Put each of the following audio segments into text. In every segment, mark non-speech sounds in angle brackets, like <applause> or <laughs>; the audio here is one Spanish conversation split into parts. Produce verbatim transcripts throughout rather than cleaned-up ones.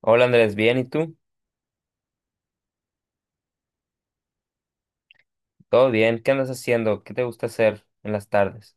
Hola Andrés, bien, ¿y tú? Todo bien, ¿qué andas haciendo? ¿Qué te gusta hacer en las tardes?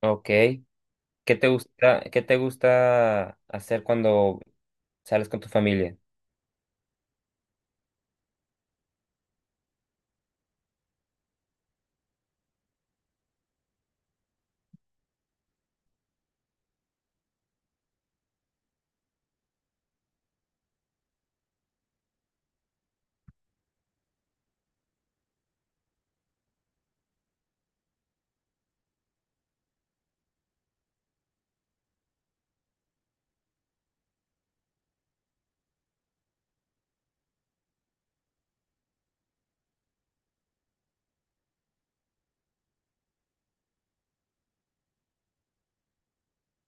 Ok, ¿qué te gusta, ¿qué te gusta hacer cuando sales con tu familia?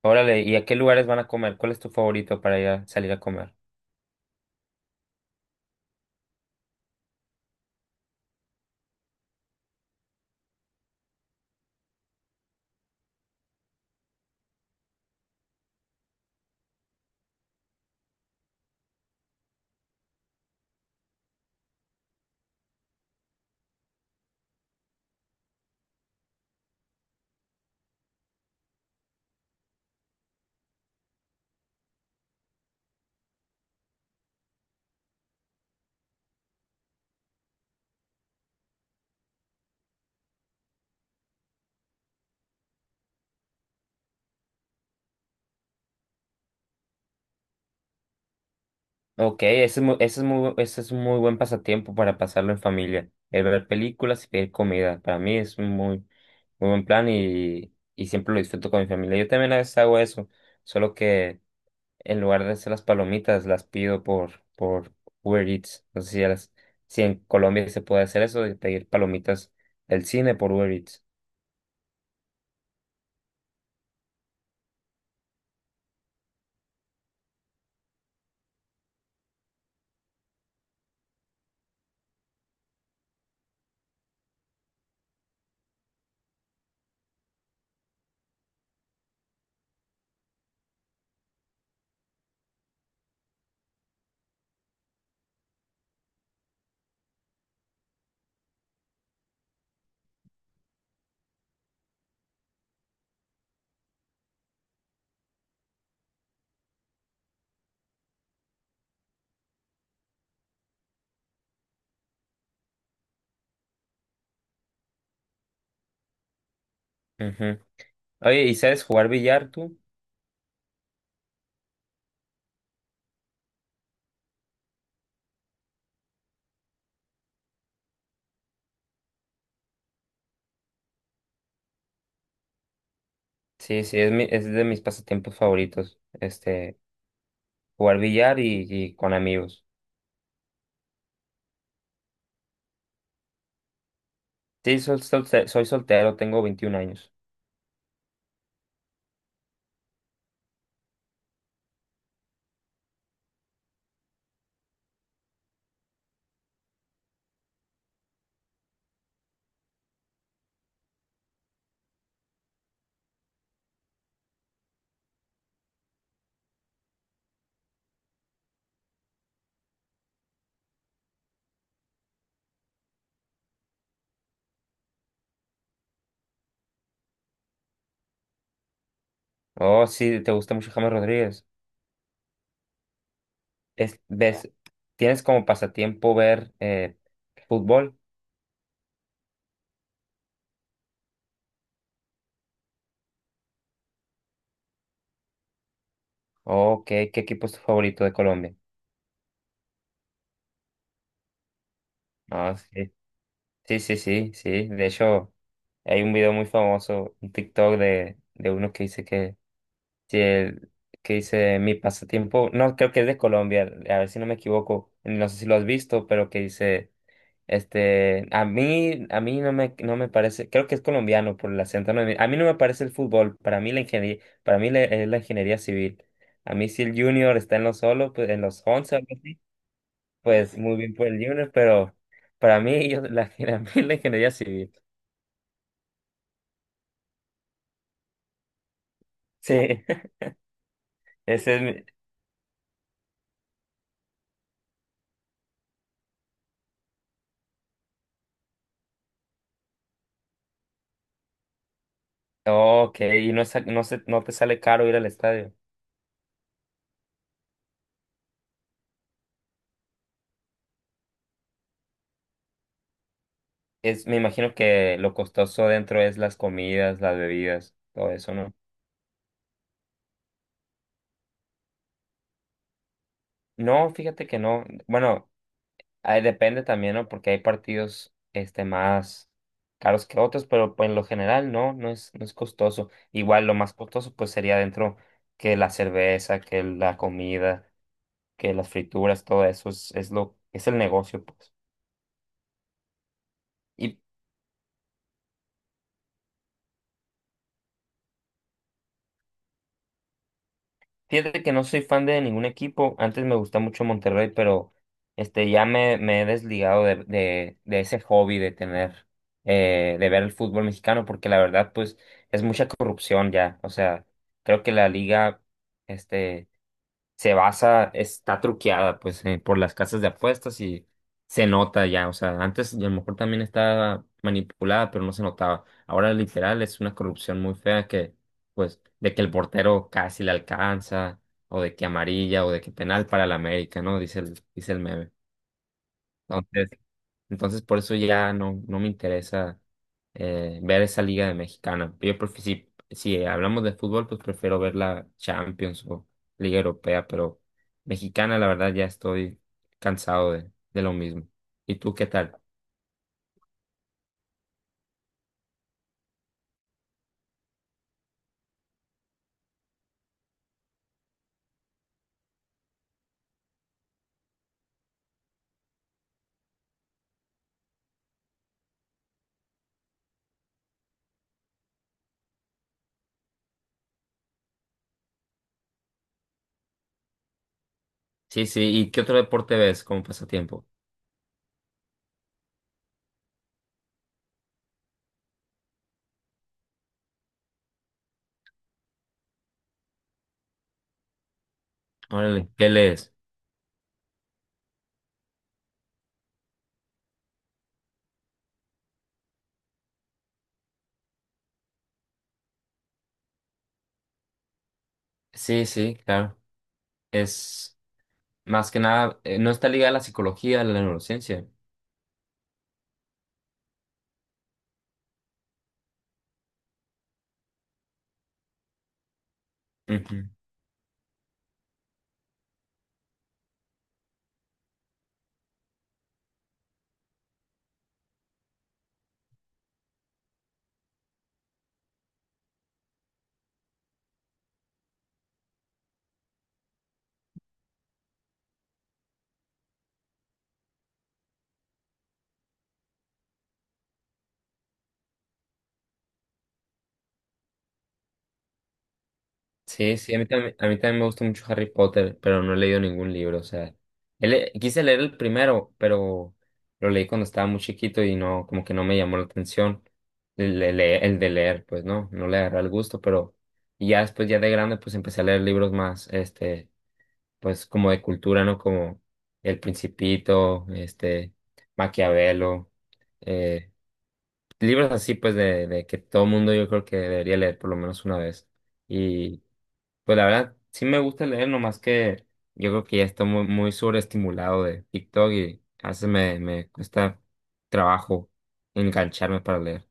Órale, ¿y a qué lugares van a comer? ¿Cuál es tu favorito para ir a salir a comer? Ok, ese es muy, ese es muy, ese es un muy buen pasatiempo para pasarlo en familia. El ver películas y pedir comida. Para mí es un muy, muy buen plan y, y siempre lo disfruto con mi familia. Yo también a veces hago eso, solo que en lugar de hacer las palomitas, las pido por, por Uber Eats. No sé si, a las- Si en Colombia se puede hacer eso de pedir palomitas del cine por Uber Eats. Ujú. Oye, ¿y sabes jugar billar tú? Sí, sí, es, mi- es de mis pasatiempos favoritos. Este, jugar billar y, y con amigos. Sí, soy, solte- soy soltero, tengo veintiún años. Oh, sí, te gusta mucho James Rodríguez. Es, ¿ves? ¿Tienes como pasatiempo ver eh, fútbol? Oh, ¿qué, ¿qué equipo es tu favorito de Colombia? Ah, sí. Sí, sí, sí, sí. De hecho, hay un video muy famoso, un TikTok de, de uno que dice que, si el- que dice mi pasatiempo. No, creo que es de Colombia, a ver si no me equivoco, no sé si lo has visto, pero que dice, este, a mí, a mí no me, no me parece. Creo que es colombiano por el acento. No, a mí no me parece el fútbol, para mí la ingeniería, para mí la- es la ingeniería civil. A mí si el junior está en los solos, pues en los once, algo así, pues muy bien por el junior, pero para mí, yo, la, <laughs> a mí la ingeniería civil. Sí, <laughs> ese es mi... Ok, y no, es- no, se- no te sale caro ir al estadio. Es, me imagino que lo costoso dentro es las comidas, las bebidas, todo eso, ¿no? No, fíjate que no. Bueno, ahí depende también, ¿no? Porque hay partidos este, más caros que otros, pero pues, en lo general no, no es, no es costoso. Igual lo más costoso pues sería dentro que la cerveza, que la comida, que las frituras, todo eso es, es lo, es el negocio, pues. Fíjate que no soy fan de ningún equipo. Antes me gustaba mucho Monterrey, pero este ya me, me he desligado de, de, de ese hobby de tener, eh, de ver el fútbol mexicano, porque la verdad, pues, es mucha corrupción ya. O sea, creo que la liga, este se basa, está truqueada pues eh, por las casas de apuestas y se nota ya. O sea, antes y a lo mejor también estaba manipulada, pero no se notaba. Ahora literal es una corrupción muy fea que pues de que el portero casi le alcanza o de que amarilla o de que penal para la América, ¿no? Dice el dice el meme. Entonces, entonces por eso ya no no me interesa eh, ver esa liga de mexicana. Yo prefi- si, si hablamos de fútbol, pues prefiero ver la Champions o Liga Europea, pero mexicana, la verdad, ya estoy cansado de, de lo mismo. ¿Y tú qué tal? Sí, sí, ¿y qué otro deporte ves como pasatiempo? Órale, ¿qué lees? Sí, sí, claro. Es más que nada, eh, no está ligada a la psicología, a la neurociencia. Ujú. Sí, sí, a mí también, a mí también me gusta mucho Harry Potter, pero no he leído ningún libro. O sea, él le- quise leer el primero, pero lo leí cuando estaba muy chiquito y no, como que no me llamó la atención el, de le- el de leer. Pues no, no le agarré el gusto, pero y ya después, ya de grande, pues empecé a leer libros más, este, pues como de cultura, ¿no? Como El Principito, este, Maquiavelo, eh, libros así, pues, de, de que todo mundo yo creo que debería leer por lo menos una vez. Y pues la verdad, sí me gusta leer, nomás que yo creo que ya estoy muy, muy sobreestimulado de TikTok y a veces me, me cuesta trabajo engancharme para leer.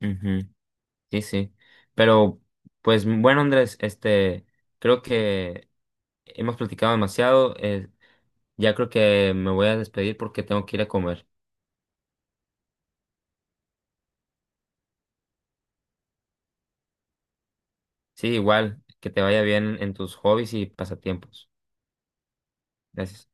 Ujú. Sí, sí. Pero, pues bueno, Andrés, este, creo que hemos platicado demasiado. Eh, ya creo que me voy a despedir porque tengo que ir a comer. Sí, igual, que te vaya bien en tus hobbies y pasatiempos. Gracias.